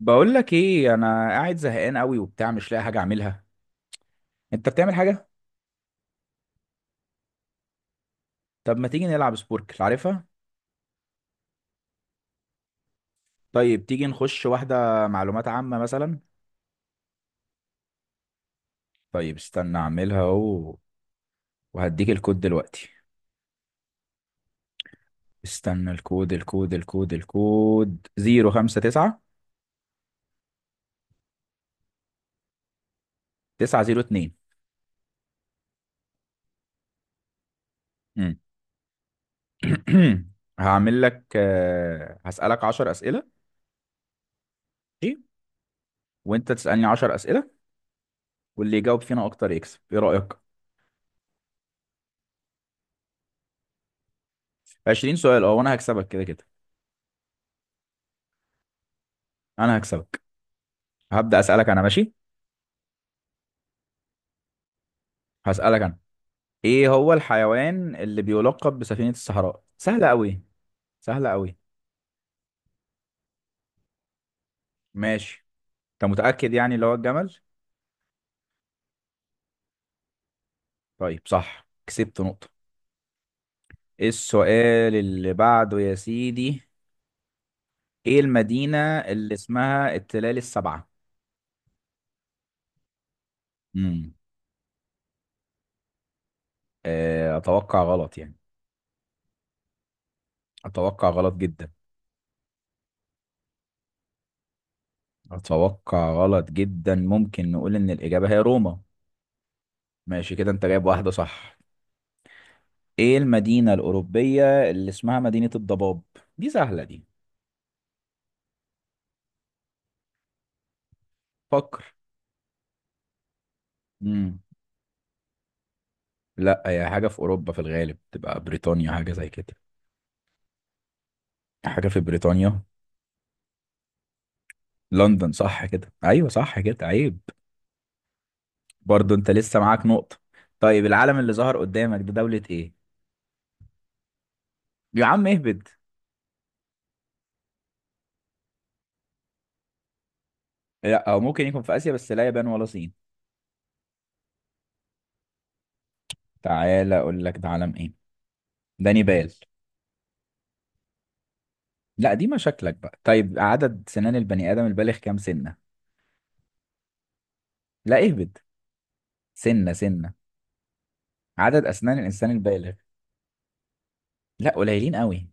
بقول لك ايه، انا قاعد زهقان قوي وبتاع مش لاقي حاجه اعملها. انت بتعمل حاجه؟ طب ما تيجي نلعب سبوركل؟ عارفها. طيب تيجي نخش واحده معلومات عامه مثلا؟ طيب استنى اعملها اهو. وهديك الكود دلوقتي. استنى الكود. 059. 902. امم هعمل لك هسألك 10 اسئله. ماشي. وانت تسألني 10 اسئله. واللي يجاوب فينا اكتر يكسب. ايه رأيك؟ 20 سؤال، اه وانا هكسبك كده كده. انا هكسبك. هبدأ أسألك أنا، ماشي. هسألك أنا. إيه هو الحيوان اللي بيلقب بسفينة الصحراء؟ سهلة أوي. سهلة أوي. ماشي. أنت متأكد يعني اللي هو الجمل؟ طيب، صح، كسبت نقطة. إيه السؤال اللي بعده يا سيدي؟ إيه المدينة اللي اسمها التلال السبعة؟ امم أتوقع غلط يعني. أتوقع غلط جدا. أتوقع غلط جدا، ممكن نقول إن الإجابة هي روما. ماشي كده، أنت جايب واحدة صح. إيه المدينة الأوروبية اللي اسمها مدينة الضباب؟ دي سهلة دي. فكر. مم. لا، هي حاجة في أوروبا، في الغالب تبقى بريطانيا حاجة زي كده. حاجة في بريطانيا. لندن، صح كده، أيوة صح كده عيب. برضو أنت لسه معاك نقطة. طيب العلم اللي ظهر قدامك ده دولة إيه؟ يا عم اهبد. لا، أو ممكن يكون في آسيا، بس لا يابان ولا صين. تعالى أقول لك ده علم إيه؟ ده نيبال. لا دي مشاكلك بقى. طيب، عدد سنان البني آدم البالغ كام سنة؟ لا، اهبد. سنة سنة. عدد أسنان الإنسان البالغ. لا، قليلين قوي.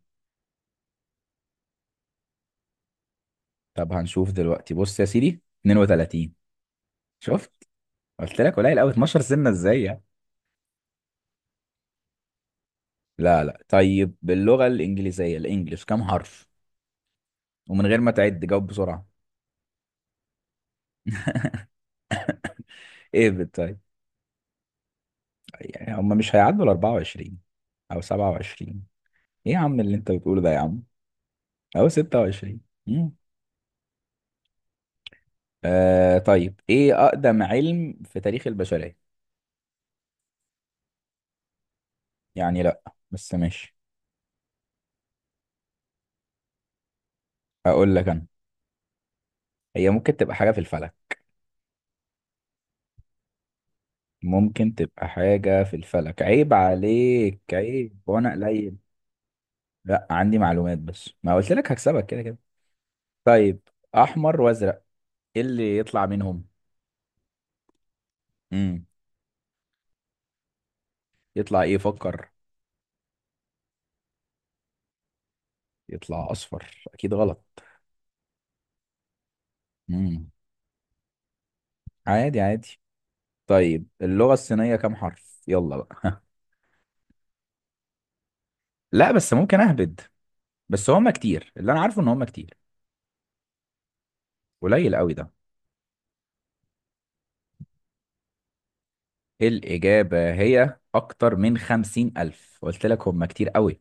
طب هنشوف دلوقتي، بص يا سيدي، 32. شفت؟ قلت لك قليل قوي، 12 سنة ازاي يعني. لا لا، طيب باللغة الإنجليزية، الإنجليش كام حرف؟ ومن غير ما تعد جاوب بسرعة. ايه طيب. يعني هم مش هيعدوا ال 24. أو 27. ايه يا عم اللي انت بتقوله ده يا عم؟ أو 26. مم. طيب، ايه أقدم علم في تاريخ البشرية؟ يعني لا. بس ماشي. أقول لك أنا. هي ممكن تبقى حاجة في الفلك. ممكن تبقى حاجة في الفلك، عيب عليك عيب وأنا قليل. لا، عندي معلومات، بس ما قلت لك هكسبك كده كده. طيب. احمر وازرق. ايه اللي يطلع منهم؟ امم يطلع ايه؟ فكر. يطلع اصفر؟ اكيد غلط. امم عادي عادي. طيب، اللغة الصينية كام حرف؟ يلا بقى. لا بس ممكن اهبد. بس هم كتير، اللي انا عارفه ان هم كتير. قليل قوي ده. الاجابة هي اكتر من 50,000، قلت لك هم كتير قوي.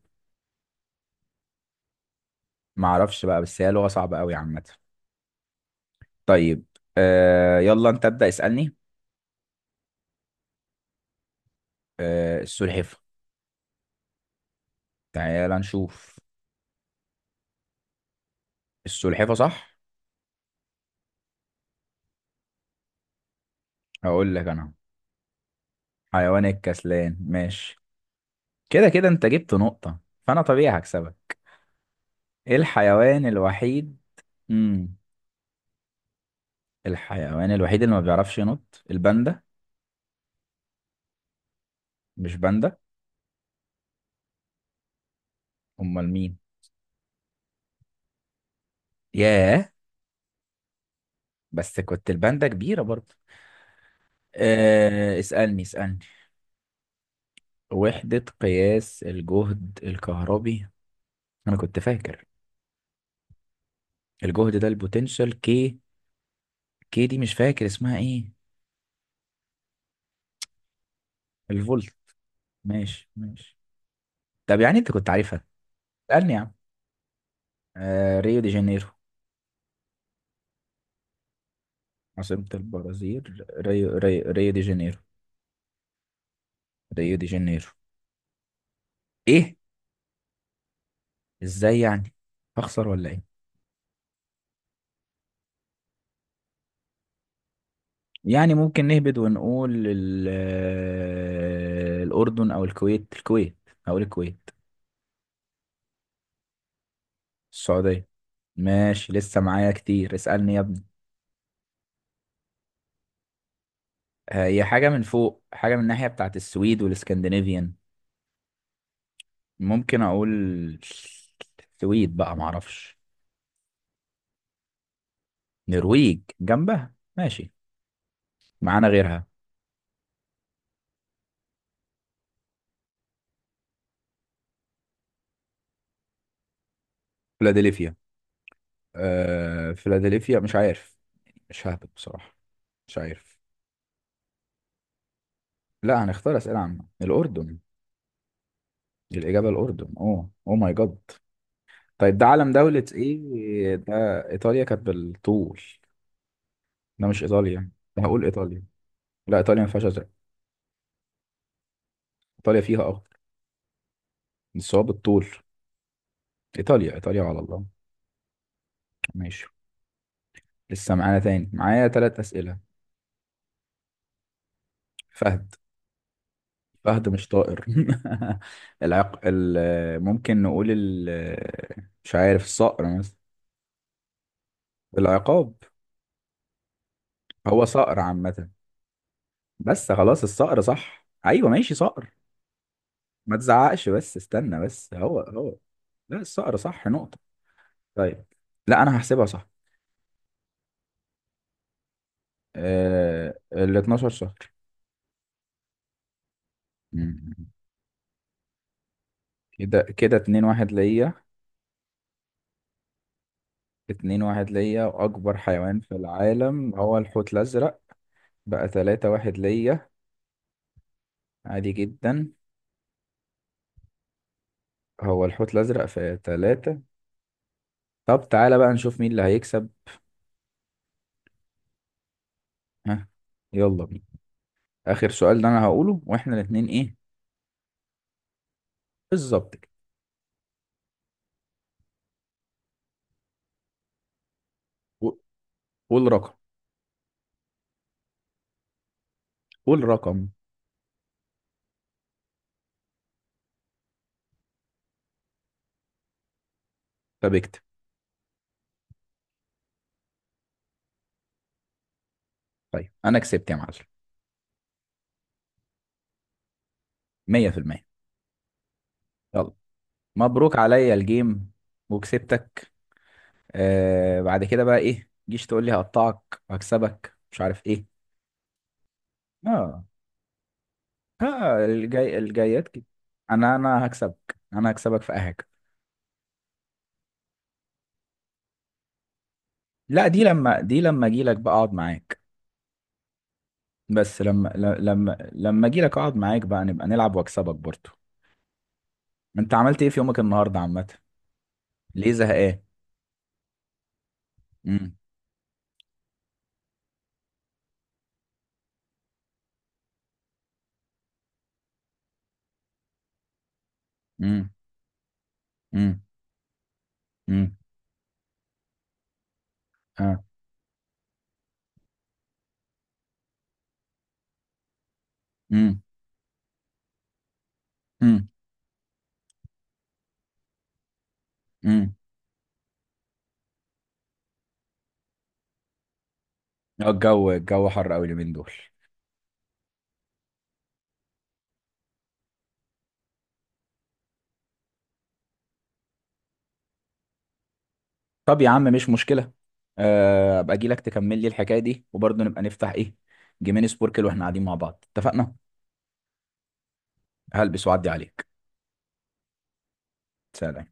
معرفش بقى، بس هي لغة صعبة قوي عامة. طيب. يلا انت ابدأ اسألني. السلحفة. تعال نشوف. السلحفة صح. هقول لك انا. حيوان الكسلان، ماشي. كده كده انت جبت نقطة. فانا طبيعي هكسبك. ايه الحيوان الوحيد؟ امم الحيوان الوحيد اللي ما بيعرفش ينط الباندا؟ مش باندا. امال مين؟ ياه. بس كنت الباندا كبيرة برضه. اسألني اسألني. وحدة قياس الجهد الكهربي. انا كنت فاكر. الجهد ده البوتنشال، كي. كي دي مش فاكر اسمها ايه. الفولت. ماشي ماشي. طب يعني انت كنت عارفها. اسألني يا عم. ريو دي جانيرو. عاصمة البرازيل ريو دي جانيرو. ريو دي جانيرو. ايه؟ ازاي يعني. هخسر ولا ايه؟ يعني ممكن نهبد ونقول الأردن أو الكويت، الكويت. هقول الكويت. السعودية. ماشي، لسه معايا كتير، اسألني يا ابني. هي حاجة من فوق، حاجة من الناحية بتاعت السويد والاسكندنافيان. ممكن أقول. السويد بقى، معرفش. نرويج جنبها، ماشي. معانا غيرها. فيلادلفيا. فيلادلفيا، مش عارف. مش ههبط بصراحة. مش عارف. لا هنختار أسئلة عامة، الأردن. الإجابة الأردن، أوه أوه ماي جاد. طيب ده علم دولة إيه ده؟ إيطاليا كانت بالطول. ده مش إيطاليا. ده هقول إيطاليا. لا إيطاليا ما فيهاش أزرق. إيطاليا فيها أخضر. بس هو بالطول. إيطاليا إيطاليا على الله. ماشي. لسه معانا تاني، معايا تلات أسئلة. فهد. فهد مش طائر. العق ممكن نقول ال. مش عارف، الصقر مثلا. العقاب. هو صقر عامة. بس خلاص، الصقر صح، ايوه ماشي صقر. ما تزعقش بس، استنى، بس هو هو. لا الصقر صح، نقطة. طيب. لا انا هحسبها صح. ال 12 شهر. مم. كده كده، 2-1 ليا. 2-1 ليا، واكبر حيوان في العالم هو الحوت الازرق. بقى 3-1 ليا. عادي جدا. هو الحوت الازرق في 3. طب تعالى بقى نشوف مين اللي هيكسب. ها. يلا بينا. اخر سؤال ده انا هقوله واحنا الاثنين، ايه. بالظبط كده. قو- قول رقم. قول رقم. طب اكتب. طيب انا كسبت يا معلم. 100%. يلا. مبروك عليا الجيم. وكسبتك. بعد كده بقى ايه، جيش تقول لي هقطعك هكسبك مش عارف ايه. اه. ها الجاي الجايات كده. انا هكسبك، انا هكسبك في اي حاجه. لا دي لما اجي لك بقى اقعد معاك. بس لما ل- لما لما اجي لك اقعد معاك بقى نبقى نلعب واكسبك برضه. انت عملت ايه في يومك النهارده عامه؟ ليه زهقان؟ امم. امم. امم. امم. اه. امم. امم. امم. الجو حر قوي اليومين دول. طب يا عم مش مشكله. ابقى اجي لك تكمل لي الحكايه دي، وبرضه نبقى نفتح ايه. جيمين سبوركل واحنا قاعدين مع بعض، اتفقنا. هلبس واعدي عليك. سلام.